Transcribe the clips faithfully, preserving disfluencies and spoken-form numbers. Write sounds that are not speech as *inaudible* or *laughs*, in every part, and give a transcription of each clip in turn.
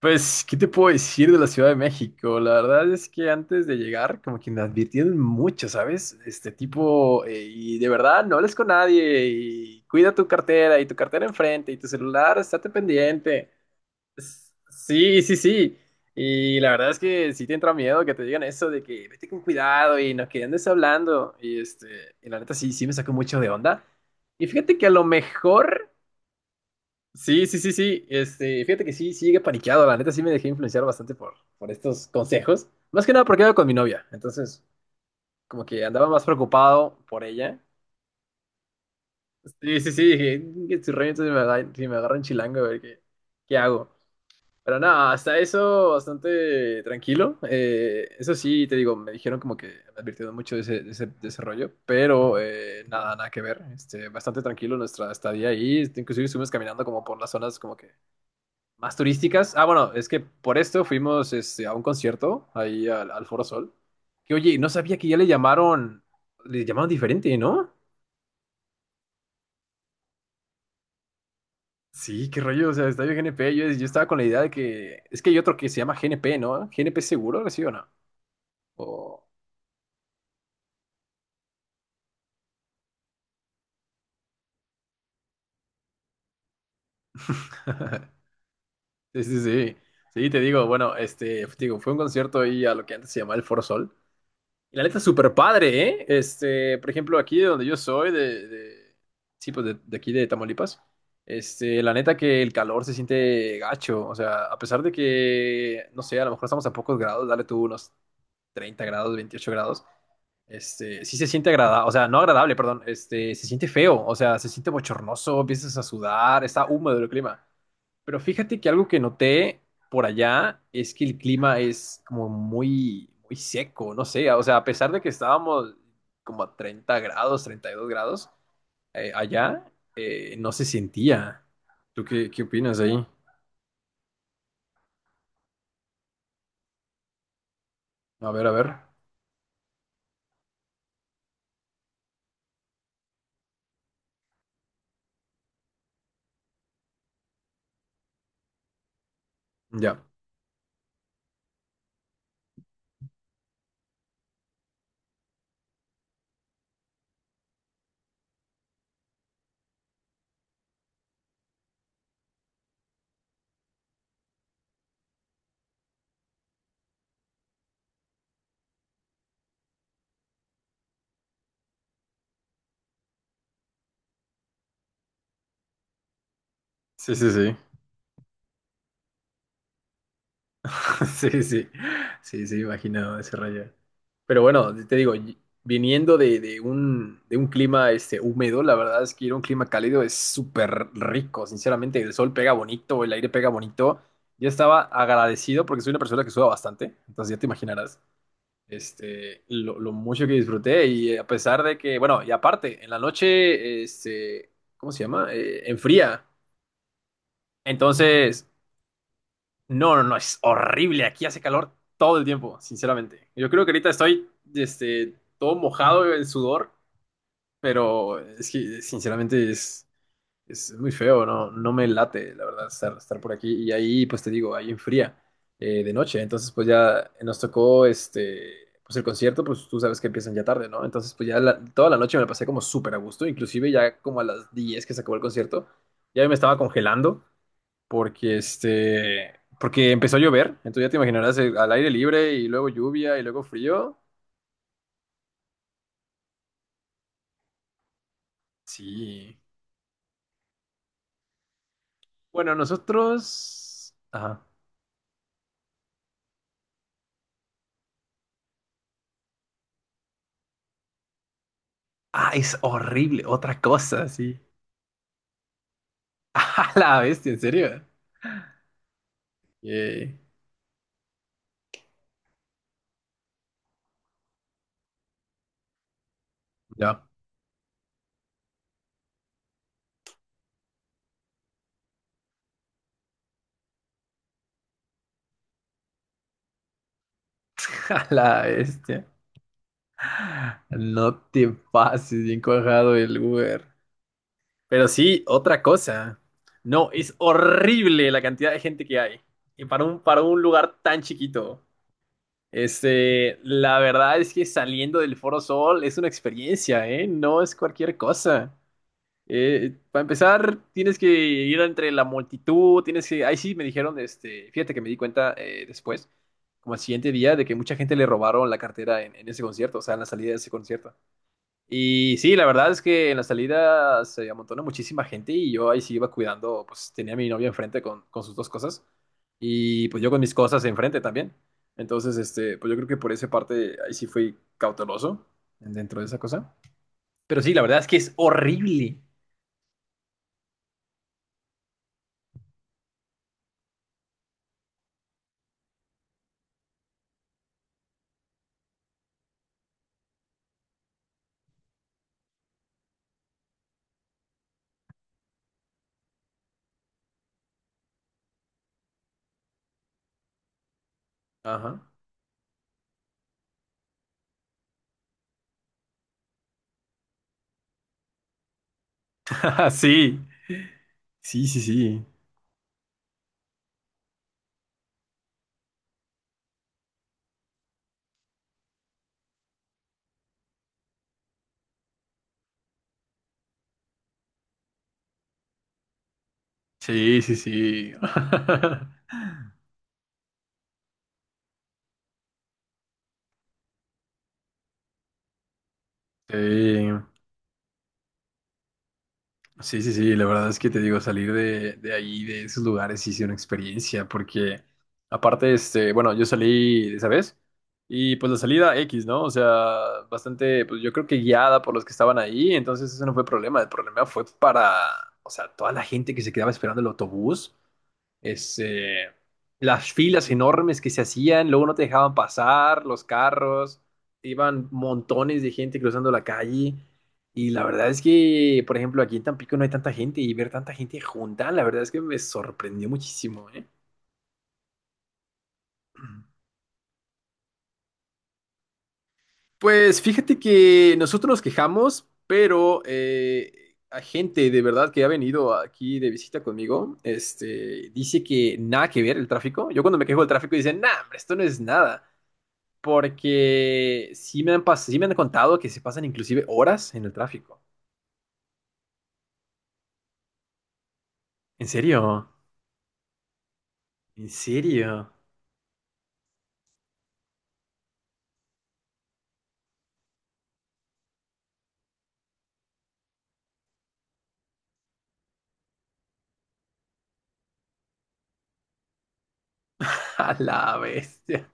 Pues, ¿qué te puedo decir de la Ciudad de México? La verdad es que antes de llegar, como que me advirtieron mucho, ¿sabes? Este tipo, eh, y de verdad, no hables con nadie, y cuida tu cartera, y tu cartera enfrente, y tu celular, estate pendiente. Es- Sí, sí, sí. Y la verdad es que sí te entra miedo que te digan eso de que vete con cuidado y no que andes hablando. Y este, y la neta sí, sí me sacó mucho de onda. Y fíjate que a lo mejor. Sí, sí, sí, sí. Este, fíjate que sí, sí llegué paniqueado. La neta sí me dejé influenciar bastante por, por estos consejos. Más que nada porque iba con mi novia. Entonces, como que andaba más preocupado por ella. Sí, sí, sí. Dije, "Mm, que si realmente me agarra, si me agarra un chilango, a ver qué, qué hago. Pero nada, hasta eso bastante tranquilo. Eh, eso sí, te digo, me dijeron como que me advirtieron mucho de ese, de ese, de ese rollo. Pero eh, nada, nada que ver. Este, bastante tranquilo nuestra estadía ahí. Este, inclusive estuvimos caminando como por las zonas como que más turísticas. Ah, bueno, es que por esto fuimos este, a un concierto ahí al, al Foro Sol. Que oye, no sabía que ya le llamaron, le llamaron diferente, ¿no? Sí, qué rollo, o sea, Estadio G N P. Yo, yo estaba con la idea de que es que hay otro que se llama G N P, ¿no? G N P seguro, ¿sí o no? O- *laughs* Sí, sí, sí. Sí, te digo, bueno, este, te digo, fue un concierto ahí a lo que antes se llamaba el Foro Sol. Y la neta, súper padre, ¿eh? Este, por ejemplo, aquí de donde yo soy, de, de- sí, pues de, de aquí de Tamaulipas, este, la neta que el calor se siente gacho, o sea, a pesar de que, no sé, a lo mejor estamos a pocos grados, dale tú unos treinta grados, veintiocho grados, este, sí se siente agradable, o sea, no agradable, perdón, este, se siente feo, o sea, se siente bochornoso, empiezas a sudar, está húmedo el clima. Pero fíjate que algo que noté por allá es que el clima es como muy, muy seco, no sé, o sea, a pesar de que estábamos como a treinta grados, treinta y dos grados, eh, allá eh, no se sentía. ¿Tú qué, qué opinas ahí? A ver, a ver. Ya. Sí, sí, sí. *laughs* Sí, sí, sí, sí, imaginado ese rayo. Pero bueno, te digo, y- viniendo de, de un, de un clima este, húmedo, la verdad es que ir a un clima cálido es súper rico, sinceramente, el sol pega bonito, el aire pega bonito. Yo estaba agradecido porque soy una persona que suda bastante, entonces ya te imaginarás este, lo, lo mucho que disfruté y eh, a pesar de que, bueno, y aparte, en la noche, este, ¿cómo se llama? Eh, enfría. Entonces, no, no, no, es horrible. Aquí hace calor todo el tiempo, sinceramente. Yo creo que ahorita estoy, este, todo mojado en sudor, pero es que, sinceramente, es, es muy feo, ¿no? No me late, la verdad, estar, estar por aquí. Y ahí, pues te digo, ahí enfría eh, de noche. Entonces, pues ya nos tocó, este, pues el concierto, pues tú sabes que empiezan ya tarde, ¿no? Entonces, pues ya la- toda la noche me la pasé como súper a gusto. Inclusive ya como a las diez que se acabó el concierto, ya me estaba congelando porque este, porque empezó a llover, entonces ya te imaginarás eh, al aire libre y luego lluvia y luego frío. Sí. Bueno, nosotros... Ajá. Ah, es horrible, otra cosa, sí. *laughs* A la bestia, ¿en serio? Yay. No, *laughs* a la bestia. No te pases bien cuajado el Uber. Pero sí, otra cosa. No, es horrible la cantidad de gente que hay. Y para un, para un lugar tan chiquito. Este, la verdad es que saliendo del Foro Sol es una experiencia, ¿eh? No es cualquier cosa. Eh, para empezar, tienes que ir entre la multitud, tienes que... Ahí sí me dijeron, este, fíjate que me di cuenta eh, después, como al siguiente día, de que mucha gente le robaron la cartera en, en ese concierto, o sea, en la salida de ese concierto. Y sí, la verdad es que en la salida se amontona muchísima gente y yo ahí sí iba cuidando, pues tenía a mi novia enfrente con, con sus dos cosas y pues yo con mis cosas enfrente también. Entonces, este, pues yo creo que por esa parte ahí sí fui cauteloso dentro de esa cosa. Pero sí, la verdad es que es horrible. Ajá. *laughs* Sí, sí, sí, sí. Sí, sí, sí. *laughs* Sí. Sí, sí, sí, la verdad es que te digo, salir de, de ahí, de esos lugares, sí es una experiencia, porque aparte, este, bueno, yo salí de esa vez y pues la salida X, ¿no? O sea, bastante, pues yo creo que guiada por los que estaban ahí, entonces eso no fue problema, el problema fue para, o sea, toda la gente que se quedaba esperando el autobús este, las filas enormes que se hacían, luego no te dejaban pasar, los carros, iban montones de gente cruzando la calle. Y la verdad es que, por ejemplo, aquí en Tampico no hay tanta gente y ver tanta gente junta, la verdad es que me sorprendió muchísimo, ¿eh? Pues fíjate que nosotros nos quejamos, pero eh, a gente de verdad que ha venido aquí de visita conmigo, este, dice que nada que ver el tráfico. Yo cuando me quejo del tráfico dicen, nah, hombre, esto no es nada. Porque sí me han pas- sí me han contado que se pasan inclusive horas en el tráfico. ¿En serio? ¿En serio? *laughs* A la bestia.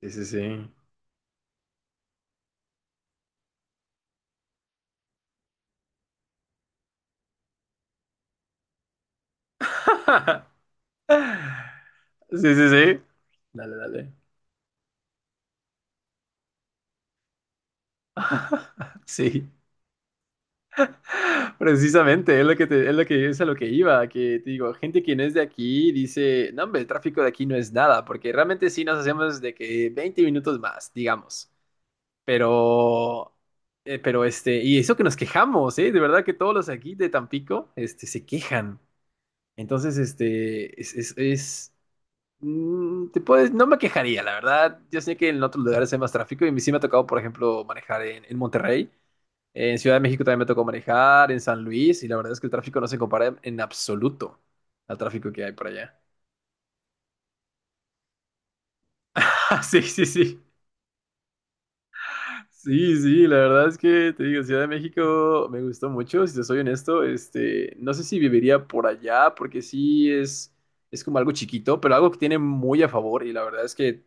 Sí, sí, sí. *laughs* Sí, sí, sí. Dale, dale. *laughs* Sí. Precisamente, es lo que te- es lo que es a lo que iba, que te digo, gente que no es de aquí dice, no, hombre, el tráfico de aquí no es nada, porque realmente sí nos hacemos de que veinte minutos más, digamos. Pero, eh, pero este, y eso que nos quejamos, ¿eh? De verdad que todos los aquí de Tampico, este, se quejan. Entonces, este, es, es, es, mm, te puedes, no me quejaría, la verdad. Yo sé que en otros lugares hay más tráfico y a mí sí me ha tocado, por ejemplo, manejar en, en Monterrey. En Ciudad de México también me tocó manejar, en San Luis, y la verdad es que el tráfico no se compara en, en absoluto al tráfico que hay por allá. *laughs* Ah, sí, sí, sí. Sí, sí, la verdad es que te digo, Ciudad de México me gustó mucho, si te soy honesto, este, no sé si viviría por allá, porque sí es, es como algo chiquito, pero algo que tiene muy a favor, y la verdad es que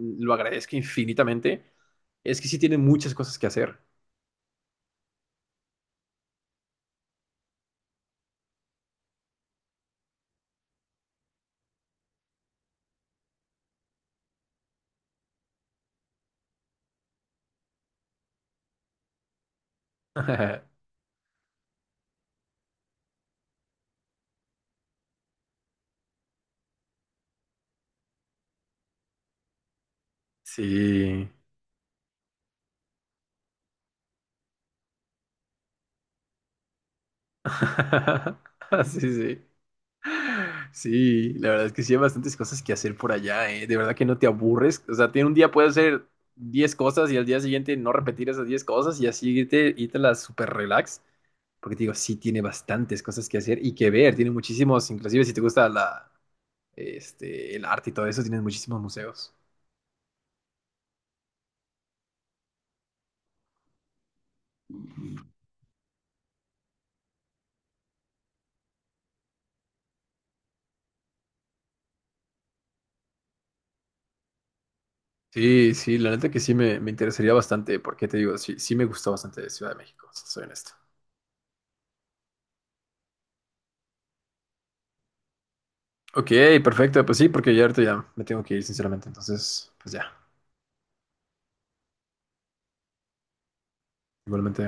lo agradezco infinitamente, es que sí tiene muchas cosas que hacer. *laughs* Sí. *laughs* Sí, sí. Sí, la verdad es que sí hay bastantes cosas que hacer por allá, ¿eh? De verdad que no te aburres. O sea, tiene un día puedes hacer diez cosas y al día siguiente no repetir esas diez cosas y así irte, irte las super relax. Porque te digo, sí tiene bastantes cosas que hacer y que ver. Tiene muchísimos, inclusive si te gusta la, este, el arte y todo eso, tienes muchísimos museos. Sí, sí, la neta que sí me, me interesaría bastante, porque te digo, sí, sí me gustó bastante Ciudad de México, si soy honesto. Ok, perfecto, pues sí, porque ya ahorita ya me tengo que ir, sinceramente. Entonces, pues ya, igualmente.